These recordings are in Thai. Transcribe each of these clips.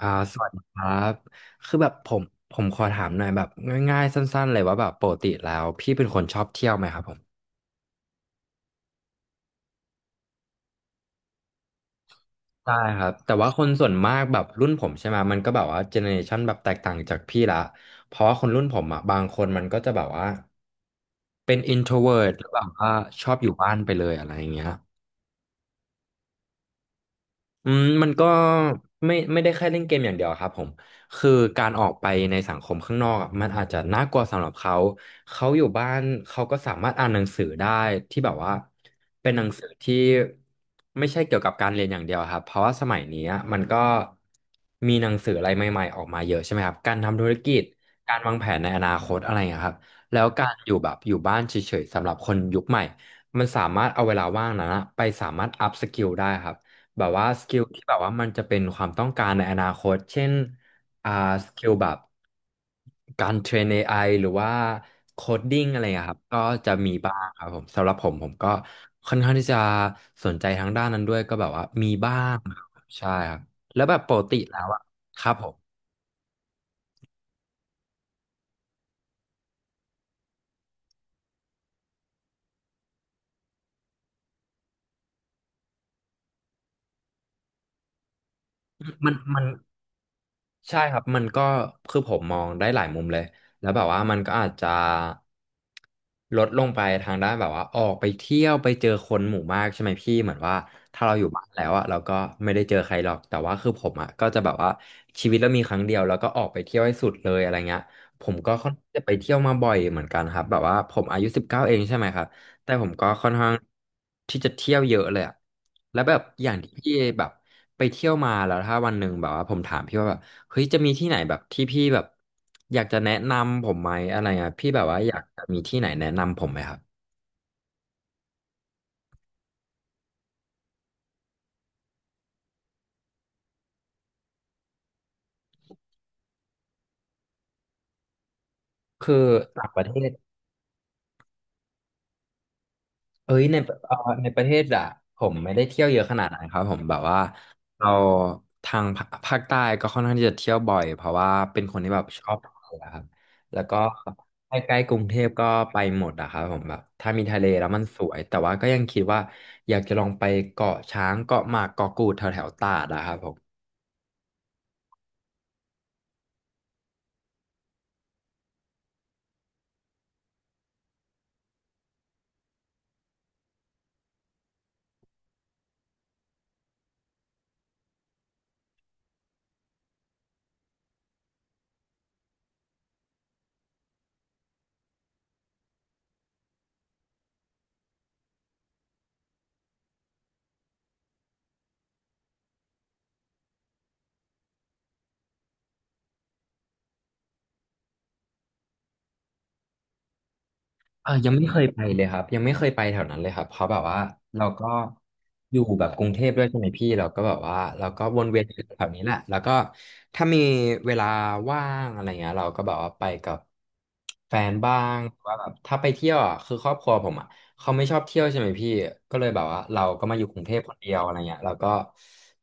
อ่าสวัสดีครับคือแบบผมขอถามหน่อยแบบง่ายๆสั้นๆเลยว่าแบบปกติแล้วพี่เป็นคนชอบเที่ยวไหมครับผมใช่ครับแต่ว่าคนส่วนมากแบบรุ่นผมใช่ไหมมันก็แบบว่าเจเนอเรชันแบบแตกต่างจากพี่ละเพราะว่าคนรุ่นผมอ่ะบางคนมันก็จะแบบว่าเป็น introvert หรือแบบว่าชอบอยู่บ้านไปเลยอะไรอย่างเงี้ย อืมมันก็ไม่ได้แค่เล่นเกมอย่างเดียวครับผมคือการออกไปในสังคมข้างนอกอะมันอาจจะน่ากลัวสำหรับเขาเขาอยู่บ้านเขาก็สามารถอ่านหนังสือได้ที่แบบว่าเป็นหนังสือที่ไม่ใช่เกี่ยวกับการเรียนอย่างเดียวครับเพราะว่าสมัยนี้อะมันก็มีหนังสืออะไรใหม่ๆออกมาเยอะใช่ไหมครับการทำธุรกิจการวางแผนในอนาคตอะไรอย่างเงี้ยครับแล้วการอยู่แบบอยู่บ้านเฉยๆสำหรับคนยุคใหม่มันสามารถเอาเวลาว่างนั้นอะไปสามารถอัพสกิลได้ครับ แบบว่าสกิลที่แบบว่ามันจะเป็นความต้องการในอนาคต เช่นอ่าสกิลแบบการเทรน AI หรือว่าโคดดิ้งอะไรอะครับก็จะมีบ้างครับผมสำหรับผมก็ค่อนข้างที่จะสนใจทางด้านนั้นด้วยก็แบบว่ามีบ้างครับใช่ครับแล้วแบบปกติแล้วอะครับผมมัน ใช่ครับมันก็คือผมมองได้หลายมุมเลยแล้วแบบว่ามันก็อาจจะลดลงไปทางด้านแบบว่าออกไปเที่ยวไปเจอคนหมู่มากใช่ไหมพี่เหมือนว่าถ้าเราอยู่บ้านแล้วอะเราก็ไม่ได้เจอใครหรอกแต่ว่าคือผมอะก็จะแบบว่าชีวิตเรามีครั้งเดียวแล้วก็ออกไปเที่ยวให้สุดเลยอะไรเงี้ยผมก็ค่อนข้างจะไปเที่ยวมาบ่อยเหมือนกันครับแบบว่าผมอายุสิบเก้าเองใช่ไหมครับแต่ผมก็ค่อนข้างที่จะเที่ยวเยอะเลยอะแล้วแบบอย่างที่พี่แบบไปเที่ยวมาแล้วถ้าวันหนึ่งแบบว่าผมถามพี่ว่าแบบ เฮ้ยจะมีที่ไหนแบบที่พี่แบบอยากจะแนะนำผมไหมอะไรอ่ะพี่แบบว่าอยากจะมีที่ไหนแนะนำผมไหมครับคือต่างประเทศเอ้ยในเอ่อในประเทศอะผมไม่ได้เที่ยวเยอะขนาดนั้นครับผมแบบว่าเราทางภาภาคใต้ก็ค่อนข้างที่จะเที่ยวบ่อยเพราะว่าเป็นคนที่แบบชอบทะเลอะครับแล้วก็ใกล้ๆกรุงเทพก็ไปหมดอะครับผมแบบถ้ามีทะเลแล้วมันสวยแต่ว่าก็ยังคิดว่าอยากจะลองไปเกาะช้างเกาะหมากเกาะกูดแถวๆตราดอะครับผม ยังไม่เคยไปเลยครับยังไม่เคยไปแถวนั้นเลยครับเพราะแบบว่าเราก็อยู่แบบกรุงเทพด้วยใช่ไหมพี่เราก็แบบว่าเราก็วนเวียนอยู่แถวนี้แหละแล้วก็ถ้ามีเวลาว่างอะไรเงี้ยเราก็แบบว่าไปกับแฟนบ้างหรือว่าแบบถ้าไปเที่ยวอ่ะคือครอบครัวผมอ่ะ เขาไม่ชอบเที่ยวใช่ไหมพี่ ก็เลยแบบว่าเราก็มาอยู่กรุงเทพคนเดียวอะไรเงี้ยเราก็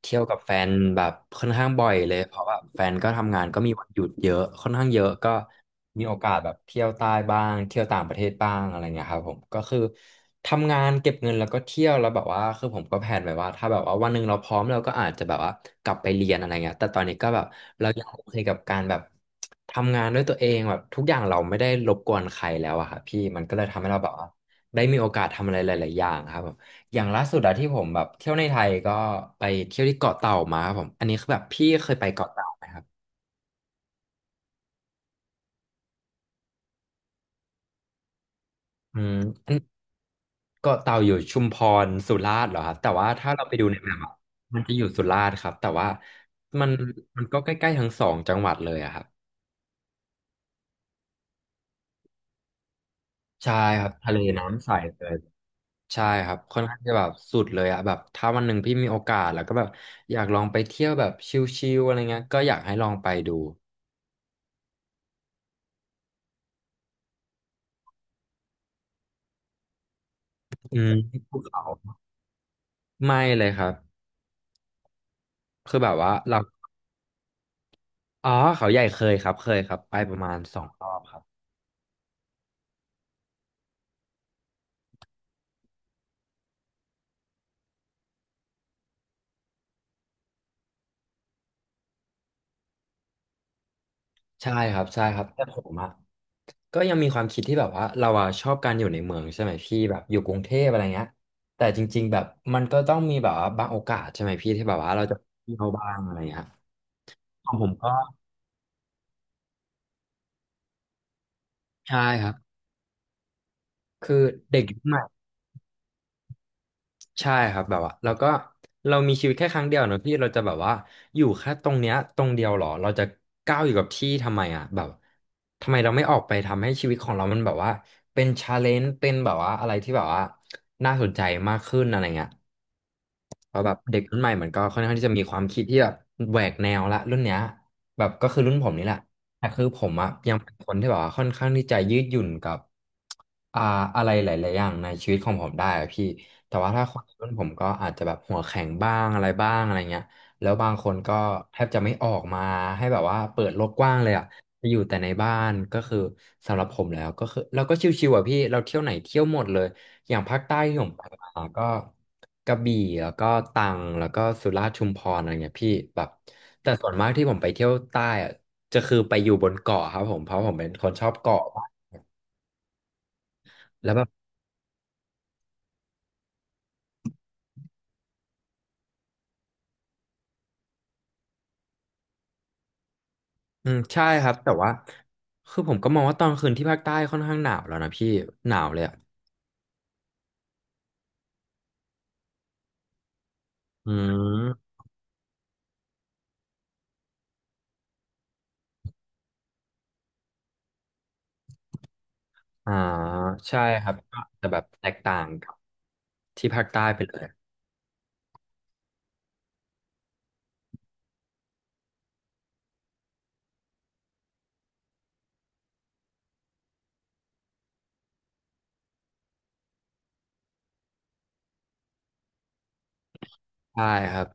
เที่ยวกับแฟนแบบค่อนข้างบ่อยเลย เพราะว่าแฟนก็ทำงานก็มีวันหยุดเยอะค่อนข้างเยอะก็มีโอกาสแบบเที่ยวใต้บ้างเที่ยวต่างประเทศบ้างอะไรเงี้ยครับผมก็คือทำงานเก็บเงินแล้วก็เที่ยวแล้วแบบว่าคือผมก็แผนไว้ว่าถ้าแบบว่าวันหนึ่งเราพร้อมเราก็อาจจะแบบว่ากลับไปเรียนอะไรเงี้ยแต่ตอนนี้ก็แบบเรายังโอเคกับการแบบทำงานด้วยตัวเองแบบทุกอย่างเราไม่ได้รบกวนใครแล้วอะค่ะพี่มันก็เลยทำให้เราแบบว่า ได้มีโอกาสทำอะไรหลายๆอย่างครับผมอย่างล่าสุดอะที่ผมแบบเที่ยวในไทยก็ไปเที่ยวที่เกาะเต่ามาครับผมอันนี้คือแบบพี่เคยไปเกาะเต่าไหมครับอืมอันเกาะเต่าอยู่ชุมพรสุราษฎร์เหรอครับแต่ว่าถ้าเราไปดูในแมปอะมันจะอยู่สุราษฎร์ครับแต่ว่ามันมันก็ใกล้ๆทั้งสองจังหวัดเลยอะครับใช่ครับทะเลน้ำใสเลยใช่ครับค่อนข้างจะแบบสุดเลยอะแบบถ้าวันหนึ่งพี่มีโอกาสแล้วก็แบบอยากลองไปเที่ยวแบบชิลๆอะไรเงี้ยก็อยากให้ลองไปดูอืมภูเขา ไม่เลยครับคือแบบว่าเราอ๋อเขาใหญ่เคยครับเคยครับไปประมาณสองรอบครับใช่ครับใช่ครับแต่ผมอะก็ยังมีความคิดที่แบบว่าเราอะชอบการอยู่ในเมืองใช่ไหมพี่แบบอยู่กรุงเทพอะไรเงี้ยแต่จริงๆแบบมันก็ต้องมีแบบว่าบางโอกาสใช่ไหมพี่ที่แบบว่าเราจะเที่ยวบ้างอะไรเงี้ยของผมก็ใช่ครับคือเด็กยุคใหม่ ใช่ครับแบบว่าเราก็เรามีชีวิตแค่ครั้งเดียวเนอะพี่เราจะแบบว่าอยู่แค่ตรงเนี้ยตรงเดียวหรอเราจะก้าวอยู่กับที่ทำไมอ่ะแบบทำไมเราไม่ออกไปทำให้ชีวิตของเรามันแบบว่าเป็นชาเลนจ์เป็นแบบว่าอะไรที่แบบว่าน่าสนใจมากขึ้นอะไรเงี้ย เพราะแบบเด็กรุ่นใหม่เหมือนก็ค่อนข้างที่จะมีความคิดที่แบบแหวกแนวละรุ่นเนี้ยแบบก็คือรุ่นผมนี่แหละแต่คือผมอะยังเป็นคนที่แบบว่าค่อนข้างที่จะยืดหยุ่นกับอ่าอะไรหลายๆอย่างในชีวิตของผมได้อะพี่แต่ว่าถ้าคนรุ่นผมก็อาจจะแบบหัวแข็งบ้างอะไรบ้างอะไรเงี้ยแล้วบางคนก็แทบจะไม่ออกมาให้แบบว่าเปิดโลกกว้างเลยอะจะอยู่แต่ในบ้านก็คือสำหรับผมแล้วก็คือเราก็ชิวๆอะพี่เราเที่ยวไหนเที่ยวหมดเลยอย่างภาคใต้ที่ผมไปมาก็ กระบี่แล้วก็ตรังแล้วก็สุราษฎร์ชุมพรอะไรเงี้ยพี่แบบแต่ส่วนมากที่ผมไปเที่ยวใต้อะจะคือไปอยู่บนเกาะครับผมเพราะผมเป็นคนชอบเกาะแล้วแบบอืมใช่ครับแต่ว่าคือผมก็มองว่าตอนคืนที่ภาคใต้ค่อนข้างหนาวแล้วนะพี่หนาวเลยอ่ะอืมอ่าใช่ครับก็จะแบบแตกต่างกับที่ภาคใต้ไปเลยใช่ครับ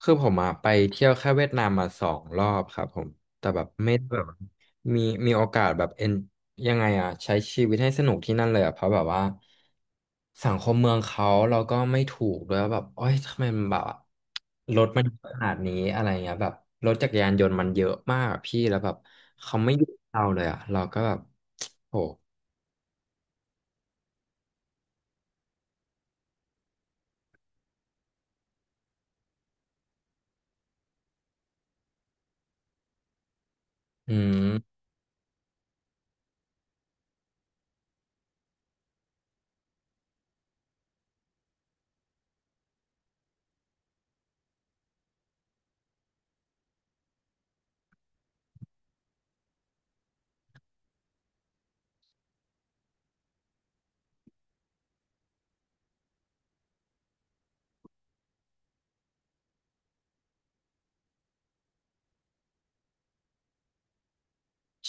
คือผมอะไปเที่ยวแค่เวียดนามมาสองรอบครับผมแต่แบบไม่ได้แบบมีมีโอกาสแบบเอ็นยังไงอ่ะใช้ชีวิตให้สนุกที่นั่นเลยอ่ะเพราะแบบว่าสังคมเมืองเขาเราก็ไม่ถูกด้วยว่าแบบโอ้ยทำไมมันแบบรถมันเยอะขนาดนี้อะไรเงี้ยแบบรถจักรยานยนต์มันเยอะมากอะพี่แล้วแบบเขาไม่หยุดเราเลยอ่ะเราก็แบบโหอืม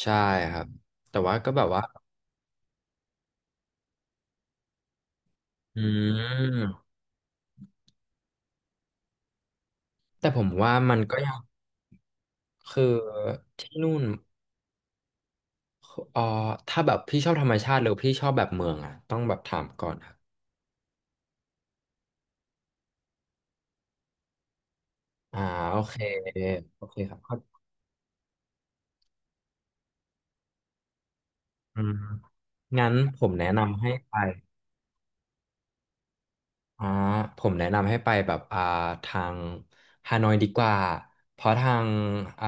ใช่ครับแต่ว่าก็แบบว่าอืมแต่ผมว่ามันก็ยังคือที่นู่น เอ่อถ้าแบบพี่ชอบธรรมชาติหรือพี่ชอบแบบเมืองอ่ะต้องแบบถามก่อนครับอ่าโอเคโอเคครับเข้าอืมงั้นผมแนะนำให้ไป อ่าผมแนะนำให้ไปแบบทางฮานอยดีกว่าเพราะทางอ่า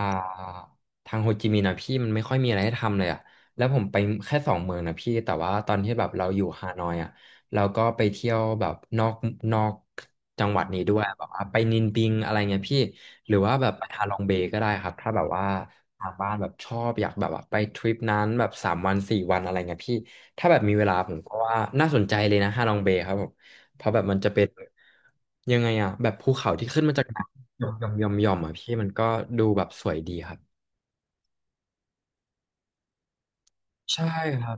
ทางโฮจิมินห์นะพี่มันไม่ค่อยมีอะไรให้ทำเลยอะแล้วผมไปแค่2 เมืองนะพี่แต่ว่าตอนที่แบบเราอยู่ฮานอยอะเราก็ไปเที่ยวแบบนอกจังหวัดนี้ด้วยแบบว่าไปนินบิงอะไรเงี้ยพี่หรือว่าแบบไปฮาลองเบย์ก็ได้ครับถ้าแบบว่าทางบ้านแบบชอบอยากแบบว่าไปทริปนั้นแบบ3 วัน 4 วันอะไรเงี้ยพี่ถ้าแบบมีเวลาผมก็ว่าน่าสนใจเลยนะฮาลองเบย์ครับผม เพราะแบบมันจะเป็นยังไงอะแบบภูเขาที่ขึ้นมาจากน้ำหย่อมหย่อมหย่อมหย่อมอะพี่มันก็ดูแบบสวยดีครับใช่ครับ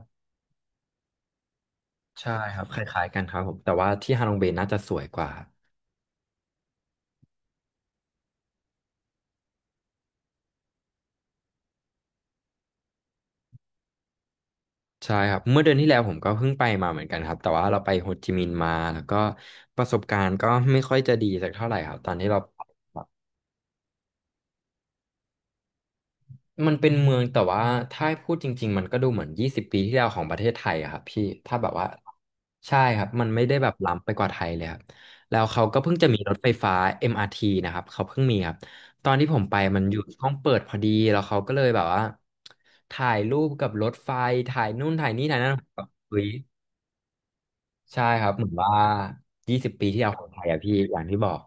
ใช่ครับคล้ายๆกันครับผมแต่ว่าที่ฮาลองเบย์น่าจะสวยกว่าใช่ครับเมื่อเดือนที่แล้วผมก็เพิ่งไปมาเหมือนกันครับแต่ว่าเราไปโฮจิมินห์มาแล้วก็ประสบการณ์ก็ไม่ค่อยจะดีสักเท่าไหร่ครับตอนที่เรา มันเป็นเมืองแต่ว่าถ้าให้พูดจริงๆมันก็ดูเหมือนยี่สิบปีที่แล้วของประเทศไทยอะครับพี่ถ้าแบบว่าใช่ครับมันไม่ได้แบบล้ำไปกว่าไทยเลยครับแล้วเขาก็เพิ่งจะมีรถไฟฟ้า MRT นะครับเขาเพิ่งมีครับตอนที่ผมไปมันอยู่ช่วงเปิดพอดีแล้วเขาก็เลยแบบว่าถ่ายรูปกับรถไฟถ่ายนู่นถ่ายนี่ถ่ายนั่นแบบเฮ้ยใช่ครับเหมือนว่ายี่สิบปีที่แล้วของไทยอะพี่อย่างที่บอก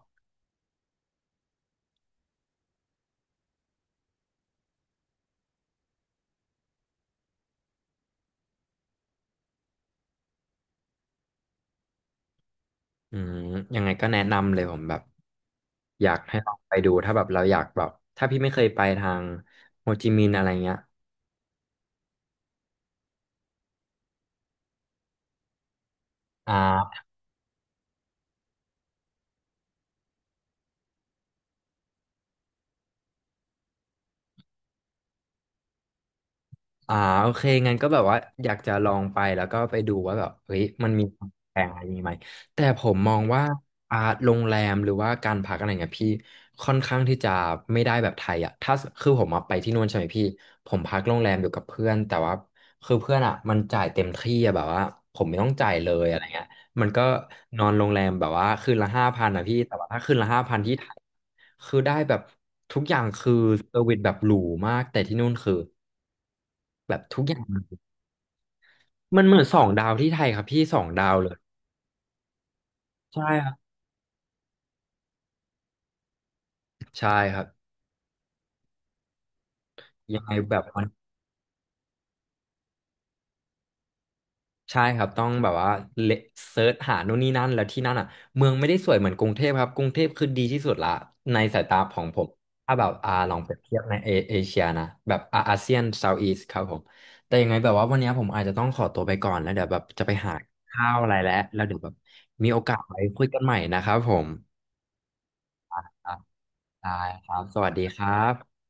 อืมยังไงก็แนะนำเลยผมแบบอยากให้ลองไปดูถ้าแบบเราอยากแบบถ้าพี่ไม่เคยไปทางโฮจิมินห์อะไรเงี้ยอ่า อ่าโอเคงั้นก็แบบว่าอยากจะลองไปแล้วก็ไปดูว่าแบบเฮ้ยมันมีความแพงอะไรอย่างงี้ไหมแต่ผมมองว่าอ่าโรงแรมหรือว่าการพักอะไรเงี้ยพี่ค่อนข้างที่จะไม่ได้แบบไทยอ่ะถ้าคือผมมาไปที่นู่นใช่ไหมพี่ผมพักโรงแรมอยู่กับเพื่อนแต่ว่าคือเพื่อนอ่ะมันจ่ายเต็มที่อะแบบว่าผมไม่ต้องจ่ายเลยอะไรเงี้ยมันก็นอนโรงแรมแบบว่าคืนละห้าพันนะพี่แต่ว่าถ้าคืนละห้าพันที่ไทยคือได้แบบทุกอย่างคือเซอร์วิสแบบหรูมากแต่ที่นู่นคือแบบทุกอย่าง มันเหมือน2 ดาวที่ไทยครับพี่สองดาวเลยใช่ครับใช่ครับยังไงแบบมันใช่ครับต้องแบบว่าเลเซิร์ชหาโน่นนี่นั่นแล้วที่นั่นอ่ะเมืองไม่ได้สวยเหมือนกรุงเทพครับกรุงเทพคือดีที่สุดละในสายตาของผมถ้าแบบลองเปรียบเทียบในเอเชียนะแบบอาเซียนเซาท์อีสครับผมแต่ยังไงแบบว่าวันนี้ผมอาจจะต้องขอตัวไปก่อนแล้วเดี๋ยวแบบจะไปหาข้าวอะไรแล้วเดี๋ยวแบบมีโอกาสไว้คุยกันใหม่นะครับผมครับได้ครับสวัสดีครับ